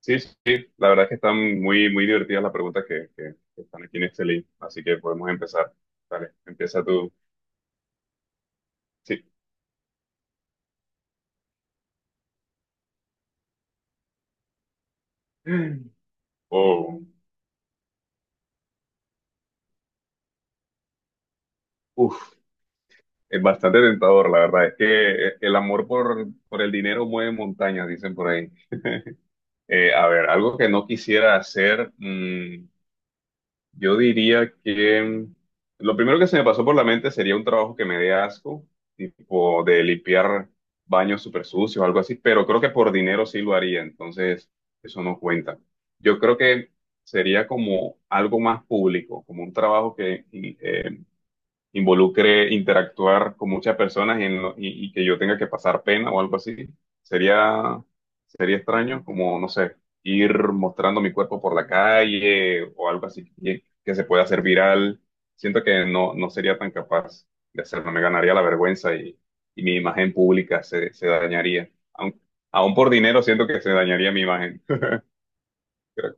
Sí, sí, sí. La verdad es que están muy, muy divertidas las preguntas que están aquí en este link, así que podemos empezar. Dale, empieza tú. Sí. Oh, uf, es bastante tentador, la verdad es que el amor por el dinero mueve montañas, dicen por ahí. A ver, algo que no quisiera hacer. Yo diría que, lo primero que se me pasó por la mente sería un trabajo que me dé asco, tipo de limpiar baños súper sucios o algo así, pero creo que por dinero sí lo haría, entonces eso no cuenta. Yo creo que sería como algo más público, como un trabajo que, involucre interactuar con muchas personas y, y que yo tenga que pasar pena o algo así. Sería, sería extraño como, no sé, ir mostrando mi cuerpo por la calle o algo así que se pueda hacer viral. Siento que no, no sería tan capaz de hacerlo. Me ganaría la vergüenza y mi imagen pública se, se dañaría. Aún por dinero siento que se dañaría mi imagen.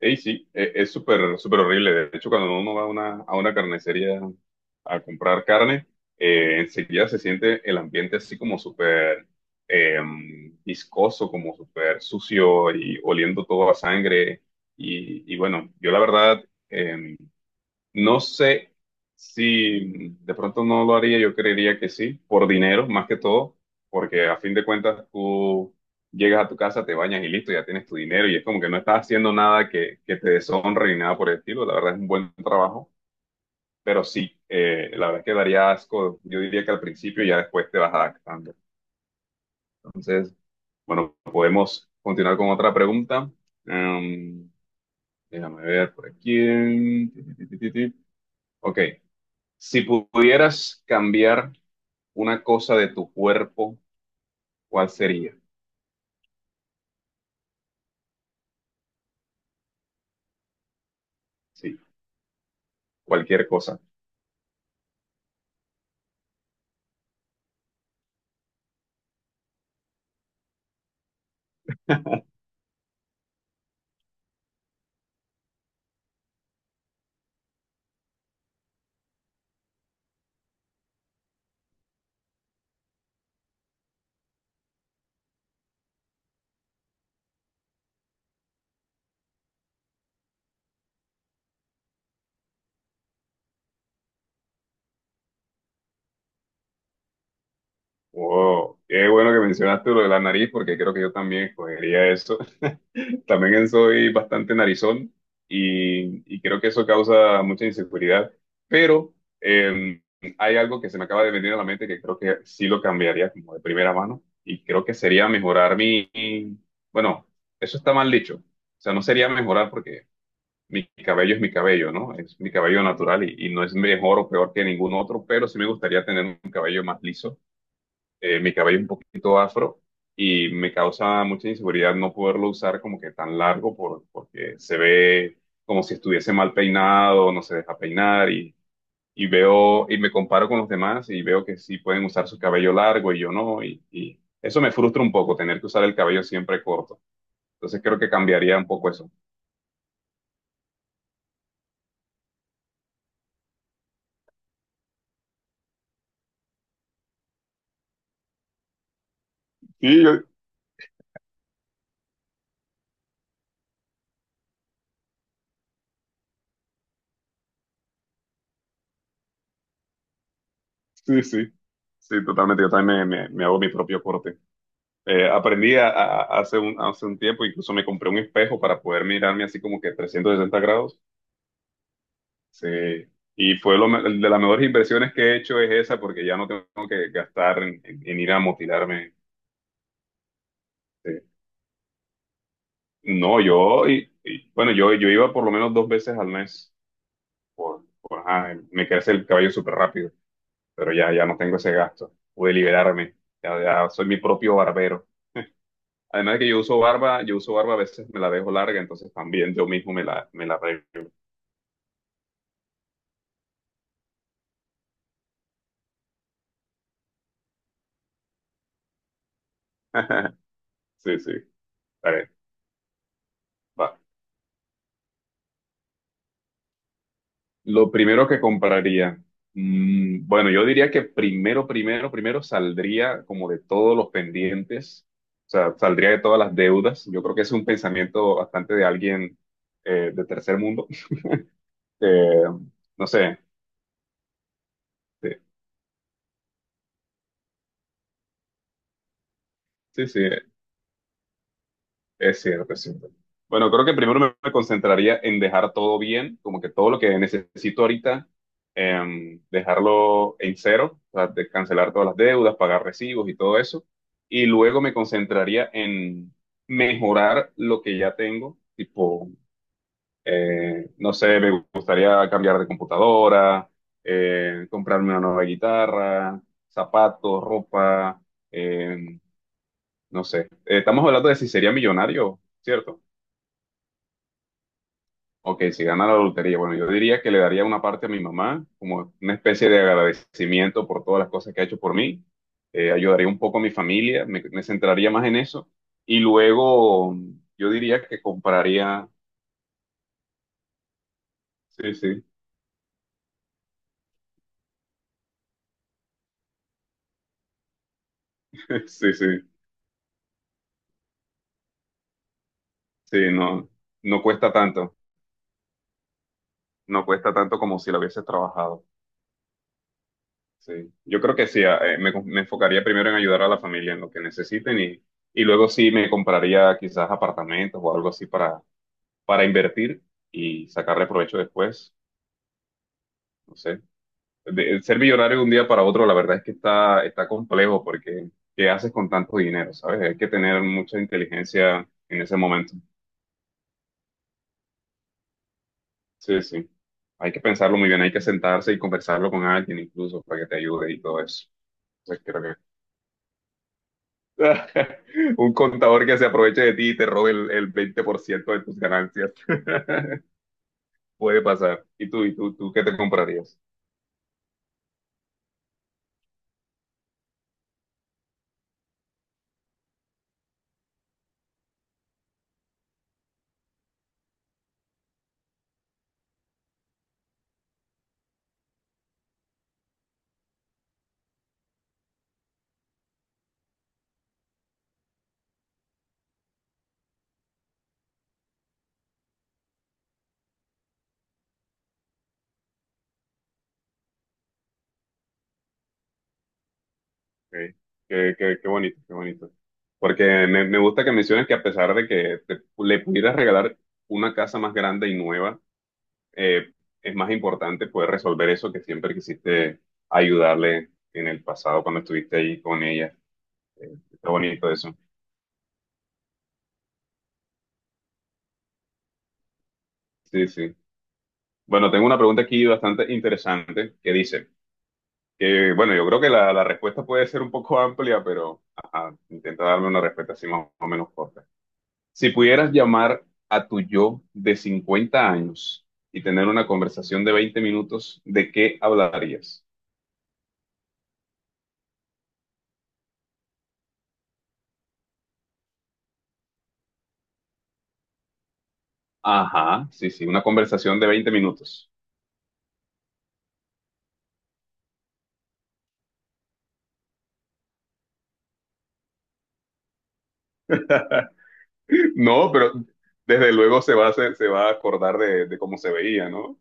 Ey, sí, es súper, súper horrible. De hecho, cuando uno va a una carnicería a comprar carne, enseguida se siente el ambiente así como súper viscoso, como súper sucio y oliendo todo a sangre. Y bueno, yo la verdad, em, no sé si de pronto no lo haría, yo creería que sí, por dinero más que todo, porque a fin de cuentas tú llegas a tu casa, te bañas y listo, ya tienes tu dinero y es como que no estás haciendo nada que, que te deshonre ni nada por el estilo, la verdad es un buen trabajo, pero sí, la verdad es que daría asco, yo diría que al principio y ya después te vas adaptando. Entonces, bueno, podemos continuar con otra pregunta. Em, Déjame ver por aquí. Ti, ti, ti, ti, ti. Ok. Si pudieras cambiar una cosa de tu cuerpo, ¿cuál sería? Sí, cualquier cosa. Wow, qué bueno que mencionaste lo de la nariz, porque creo que yo también escogería eso. También soy bastante narizón y creo que eso causa mucha inseguridad. Pero eh, hay algo que se me acaba de venir a la mente que creo que sí lo cambiaría como de primera mano y creo que sería mejorar mi... Bueno, eso está mal dicho. O sea, no sería mejorar porque mi cabello es mi cabello, ¿no? Es mi cabello natural y no es mejor o peor que ningún otro, pero sí me gustaría tener un cabello más liso, mi cabello un poquito afro y me causa mucha inseguridad no poderlo usar como que tan largo por, porque se ve como si estuviese mal peinado, no se deja peinar y veo y me comparo con los demás y veo que sí pueden usar su cabello largo y yo no y, y eso me frustra un poco, tener que usar el cabello siempre corto. Entonces creo que cambiaría un poco eso. Sí, yo, Sí, sí, sí, totalmente. Yo también me hago mi propio corte. Aprendí a- Hace hace un tiempo, incluso me compré un espejo para poder mirarme así como que 360 grados. Sí. Y fue de las mejores inversiones que he hecho es esa, porque ya no tengo que gastar en ir a motilarme. Sí. No, yo, y, bueno, Yo iba por lo menos dos veces al mes. Ajá, me crece el cabello súper rápido, pero ya, ya no tengo ese gasto. Pude liberarme, ya, ya soy mi propio barbero. Además de que yo uso barba, a veces me la dejo larga, entonces también yo mismo me me la arreglo. Sí, sí. A ver, va. Lo primero que compraría. Bueno, yo diría que primero, primero, primero saldría como de todos los pendientes. O sea, saldría de todas las deudas. Yo creo que es un pensamiento bastante de alguien de tercer mundo. Eh, no sé. Sí, sí, sí. Es cierto, es cierto. Bueno, creo que primero me concentraría en dejar todo bien, como que todo lo que necesito ahorita, dejarlo en cero, o sea, de cancelar todas las deudas, pagar recibos y todo eso. Y luego me concentraría en mejorar lo que ya tengo, tipo, no sé, me gustaría cambiar de computadora, comprarme una nueva guitarra, zapatos, ropa, em, no sé. Estamos hablando de si sería millonario, ¿cierto? Ok, si gana la lotería, bueno, yo diría que le daría una parte a mi mamá, como una especie de agradecimiento por todas las cosas que ha hecho por mí. Ayudaría un poco a mi familia, me centraría más en eso. Y luego yo diría que compraría. Sí, sí, sí, sí, sí, no, no cuesta tanto, no cuesta tanto como si lo hubieses trabajado. Sí, yo creo que sí, me enfocaría primero en ayudar a la familia en lo que necesiten y luego sí me compraría quizás apartamentos o algo así para. Para invertir y sacarle provecho después. No sé. Ser millonario de un día para otro, la verdad es que está, está complejo porque ¿qué haces con tanto dinero? ¿Sabes? Hay que tener mucha inteligencia en ese momento. Sí, sí. Hay que pensarlo muy bien, hay que sentarse y conversarlo con alguien incluso para que te ayude y todo eso. Entonces creo que un contador que se aproveche de ti y te robe el 20% de tus ganancias puede pasar. ¿Y tú qué te comprarías? Ok. Qué bonito, qué bonito. Porque me gusta que menciones que a pesar de que le pudieras regalar una casa más grande y nueva, eh, es más importante poder resolver eso que siempre quisiste ayudarle en el pasado cuando estuviste ahí con ella. Está bonito eso. Sí, sí. Bueno, tengo una pregunta aquí bastante interesante que dice, que bueno, yo creo que la respuesta puede ser un poco amplia, pero ajá, intenta darme una respuesta así más o menos corta. Si pudieras llamar a tu yo de 50 años y tener una conversación de 20 minutos, ¿de qué hablarías? Ajá, sí, sí, una conversación de 20 minutos. No, pero desde luego se va a se va a acordar de cómo se veía, ¿no?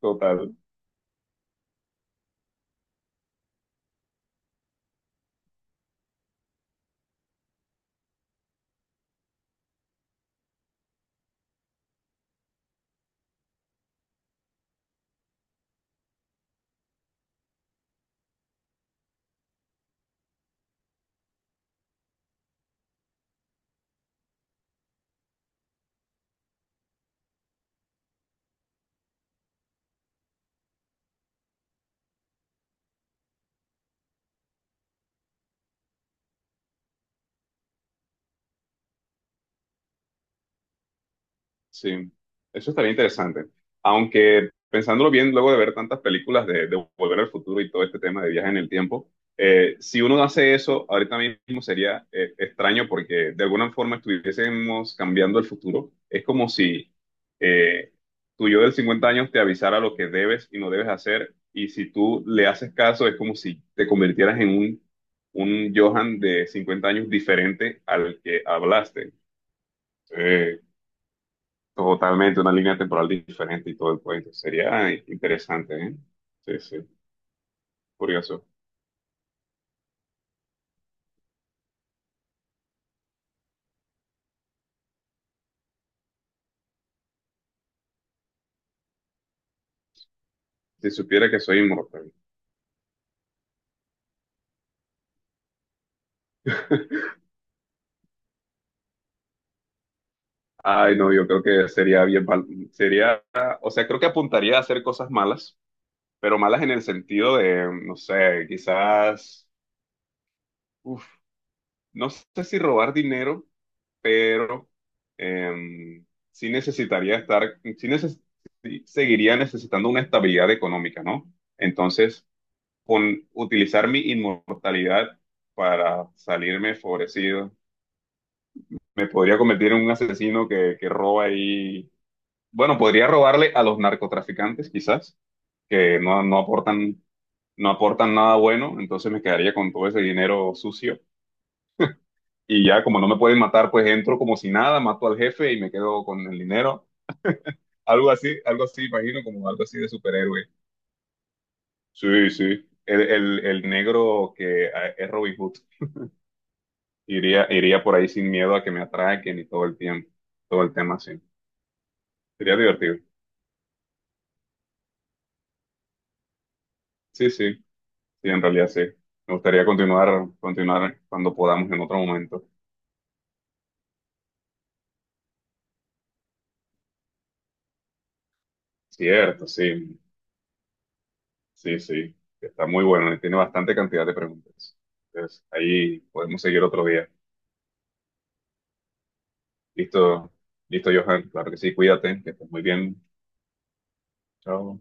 Total. Sí, eso estaría interesante. Aunque pensándolo bien, luego de ver tantas películas de Volver al Futuro y todo este tema de viaje en el tiempo, si uno hace eso, ahorita mismo sería extraño porque de alguna forma estuviésemos cambiando el futuro. Es como si eh, tu yo del 50 años te avisara lo que debes y no debes hacer, y si tú le haces caso, es como si te convirtieras en un Johan de 50 años diferente al que hablaste. Eh, Totalmente una línea temporal diferente y todo el cuento. Sería interesante, ¿eh? Sí, sí, curioso. Si supiera que soy inmortal. Ay, no, yo creo que sería sería, o sea, creo que apuntaría a hacer cosas malas, pero malas en el sentido de, no sé, quizás, uf, no sé si robar dinero, pero em, sí necesitaría estar, sí seguiría necesitando una estabilidad económica, ¿no? Entonces, con utilizar mi inmortalidad para salirme favorecido. Me podría convertir en un asesino que roba y... Bueno, podría robarle a los narcotraficantes quizás, que no, no aportan, no aportan nada bueno, entonces me quedaría con todo ese dinero sucio. Y ya como no me pueden matar, pues entro como si nada, mato al jefe y me quedo con el dinero. Algo así, imagino, como algo así de superhéroe. Sí, sí. El negro que es Robin Hood. Iría, iría por ahí sin miedo a que me atraquen y todo el tiempo, todo el tema así. Sería divertido. Sí, sí, sí, en realidad sí. Me gustaría continuar, continuar cuando podamos en otro momento. Cierto, sí, sí, sí. Está muy bueno y tiene bastante cantidad de preguntas. Entonces, ahí podemos seguir otro día. Listo, listo, Johan. Claro que sí, cuídate, que estés muy bien. Chao.